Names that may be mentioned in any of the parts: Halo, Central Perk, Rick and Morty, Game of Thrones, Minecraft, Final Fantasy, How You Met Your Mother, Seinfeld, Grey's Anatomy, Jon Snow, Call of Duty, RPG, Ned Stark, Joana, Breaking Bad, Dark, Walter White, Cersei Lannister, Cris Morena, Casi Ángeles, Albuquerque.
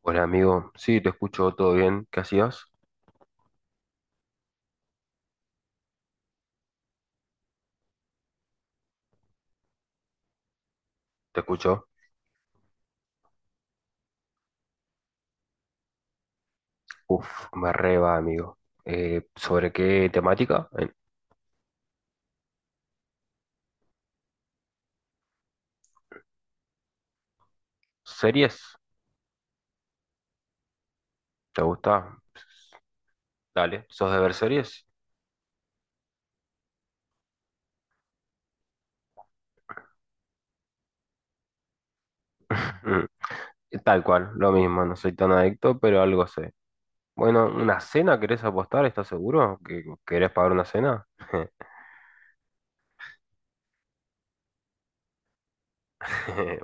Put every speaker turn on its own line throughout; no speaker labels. Hola amigo, sí, te escucho, todo bien, ¿qué hacías? ¿Te escucho? Uf, me reba amigo. ¿Sobre qué temática? ¿Series? ¿Te gusta? Dale, ¿sos de ver series? Mm, tal cual, lo mismo, no soy tan adicto, pero algo sé. Bueno, ¿una cena querés apostar? ¿Estás seguro? ¿Que querés pagar una cena?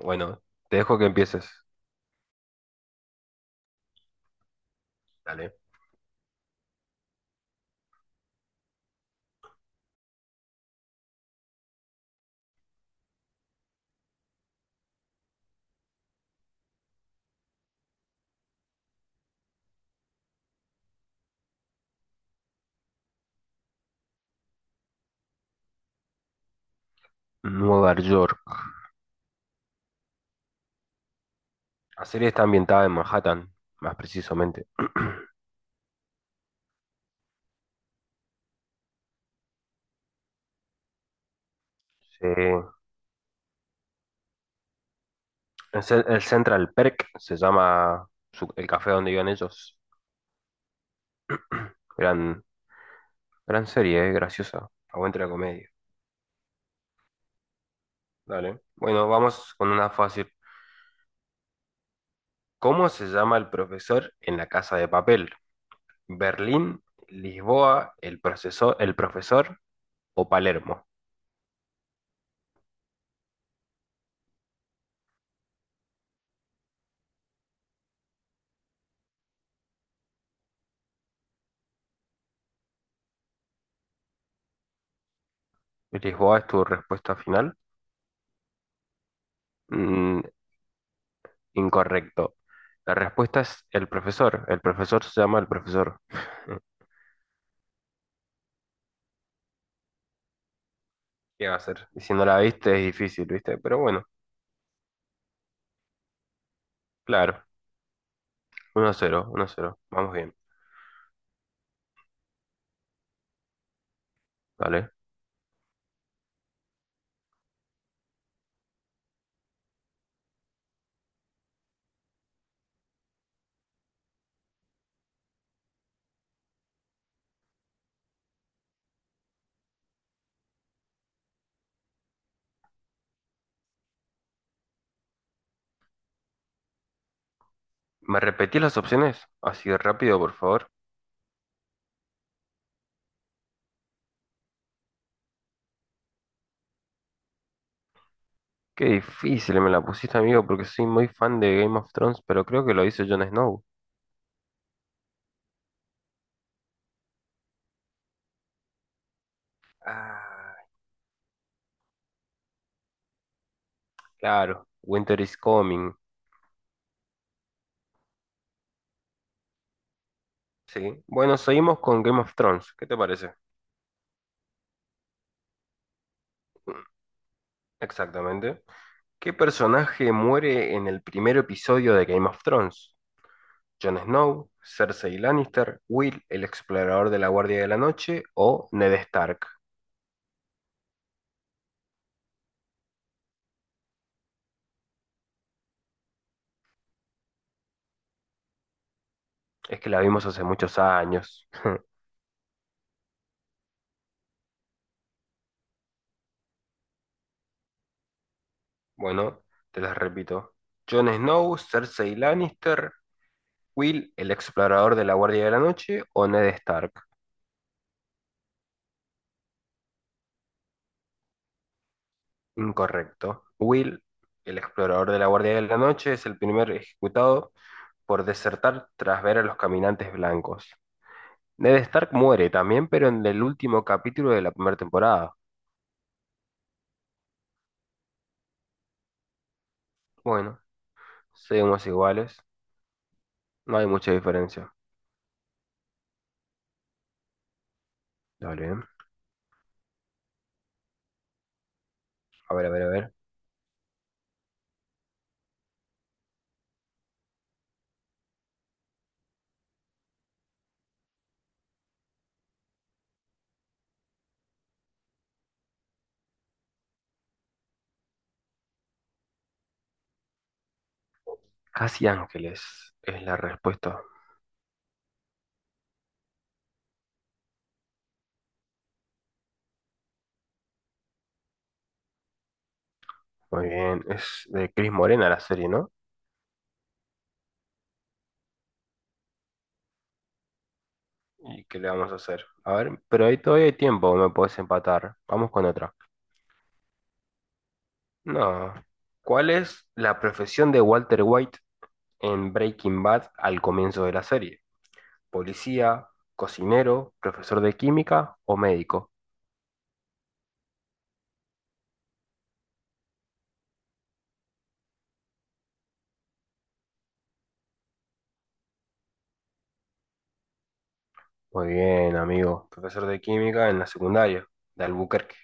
Bueno, te dejo que empieces. Dale. Nueva York. La serie está ambientada en Manhattan, más precisamente. Sí. El Central Perk se llama el café donde iban ellos. Gran, gran serie, graciosa. Aguante la comedia. Dale. Bueno, vamos con una fácil. ¿Cómo se llama el profesor en la casa de papel? ¿Berlín, Lisboa, el profesor o Palermo? ¿Lisboa es tu respuesta final? Mm, incorrecto. La respuesta es el profesor. El profesor se llama el profesor. ¿Qué va a hacer? Y si no la viste es difícil, ¿viste? Pero bueno, claro, uno a 0, 1 a 0. Vamos bien, ¿vale? ¿Me repetís las opciones? Así de rápido, por favor. Qué difícil me la pusiste, amigo, porque soy muy fan de Game of Thrones, pero creo que lo hizo Jon Snow. Ah, claro. Winter is coming. Sí. Bueno, seguimos con Game of Thrones. ¿Qué te parece? Exactamente. ¿Qué personaje muere en el primer episodio de Game of Thrones? ¿Jon Snow, Cersei Lannister, Will, el explorador de la Guardia de la Noche o Ned Stark? Es que la vimos hace muchos años. Bueno, te las repito. Jon Snow, Cersei Lannister, Will, el explorador de la Guardia de la Noche o Ned Stark. Incorrecto. Will, el explorador de la Guardia de la Noche, es el primer ejecutado por desertar tras ver a los caminantes blancos. Ned Stark muere también, pero en el último capítulo de la primera temporada. Bueno, seguimos iguales. No hay mucha diferencia. Dale. ¿Eh? A ver, a ver, a ver. Casi Ángeles es la respuesta. Muy bien, es de Cris Morena la serie, ¿no? ¿Y qué le vamos a hacer? A ver, pero ahí todavía hay tiempo, me podés empatar. Vamos con otra. No. ¿Cuál es la profesión de Walter White en Breaking Bad al comienzo de la serie? ¿Policía, cocinero, profesor de química o médico? Muy bien, amigo. Profesor de química en la secundaria de Albuquerque.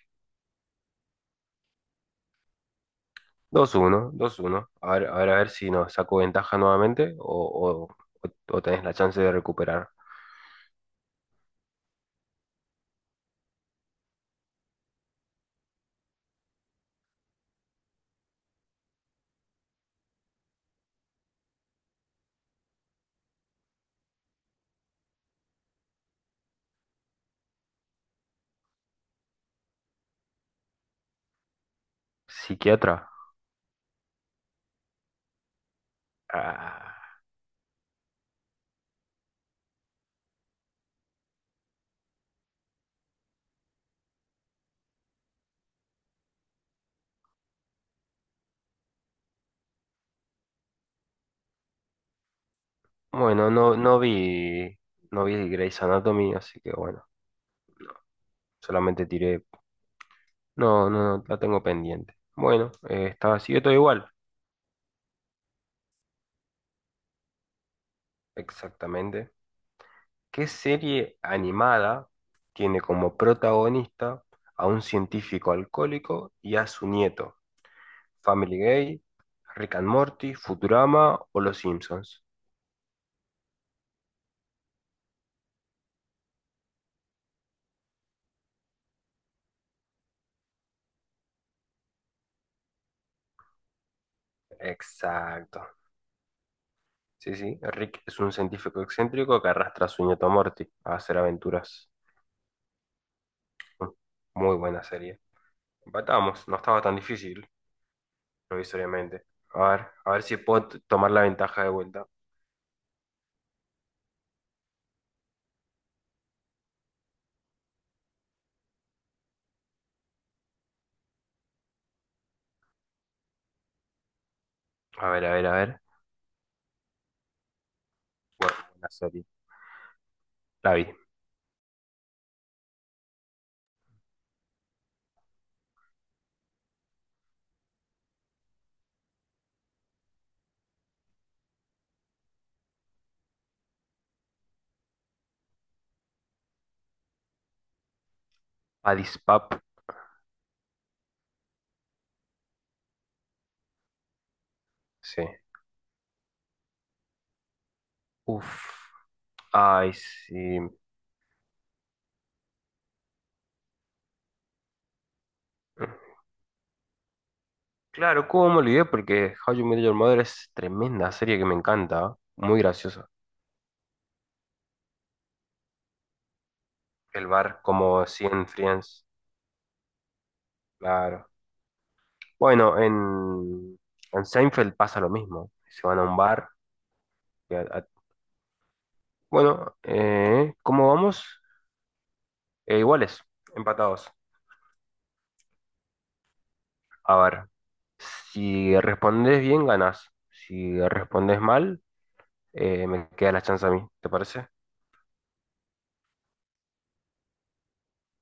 Dos uno, dos uno. A ver, a ver, a ver si nos saco ventaja nuevamente o o tenés la chance de recuperar. ¿Psiquiatra? Ah. Bueno, no vi, no vi Grey's Anatomy, así que bueno, solamente tiré. No, no, no, la tengo pendiente. Bueno, estaba así, yo todo igual. Exactamente. ¿Qué serie animada tiene como protagonista a un científico alcohólico y a su nieto? ¿Family Guy, Rick and Morty, Futurama o Los Simpsons? Exacto. Sí, sí, Rick es un científico excéntrico que arrastra a su nieto Morty a hacer aventuras. Mm, muy buena serie. Empatamos, no estaba tan difícil, provisoriamente. A ver si puedo tomar la ventaja de vuelta. A ver, a ver, a ver. Bueno, buena serie. La vi. Addis Pap, sí. Uf. Ay, sí. Claro, ¿cómo me olvidé? Porque How You Met Your Mother es tremenda serie que me encanta. Muy graciosa. El bar, como sí en Friends. Claro. Bueno, en Seinfeld pasa lo mismo. Se van a un bar. Y bueno, ¿cómo vamos? Iguales, empatados. A ver, si respondes bien, ganás. Si respondes mal, me queda la chance a mí, ¿te parece?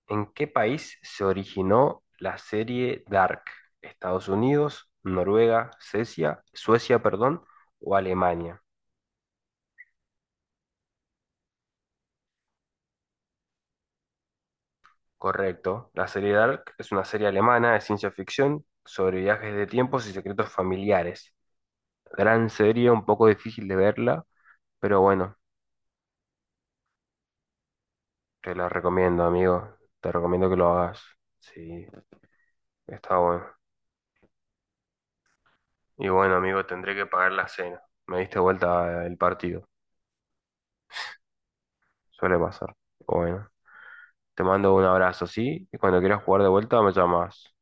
¿En qué país se originó la serie Dark? ¿Estados Unidos, Noruega, Suecia, Suecia, perdón, o Alemania? Correcto. La serie Dark es una serie alemana de ciencia ficción sobre viajes de tiempos y secretos familiares. Gran serie, un poco difícil de verla, pero bueno, te la recomiendo, amigo. Te recomiendo que lo hagas. Sí, está bueno. Y bueno, amigo, tendré que pagar la cena. Me diste vuelta el partido. Suele pasar. Bueno, te mando un abrazo, ¿sí? Y cuando quieras jugar de vuelta, me llamas.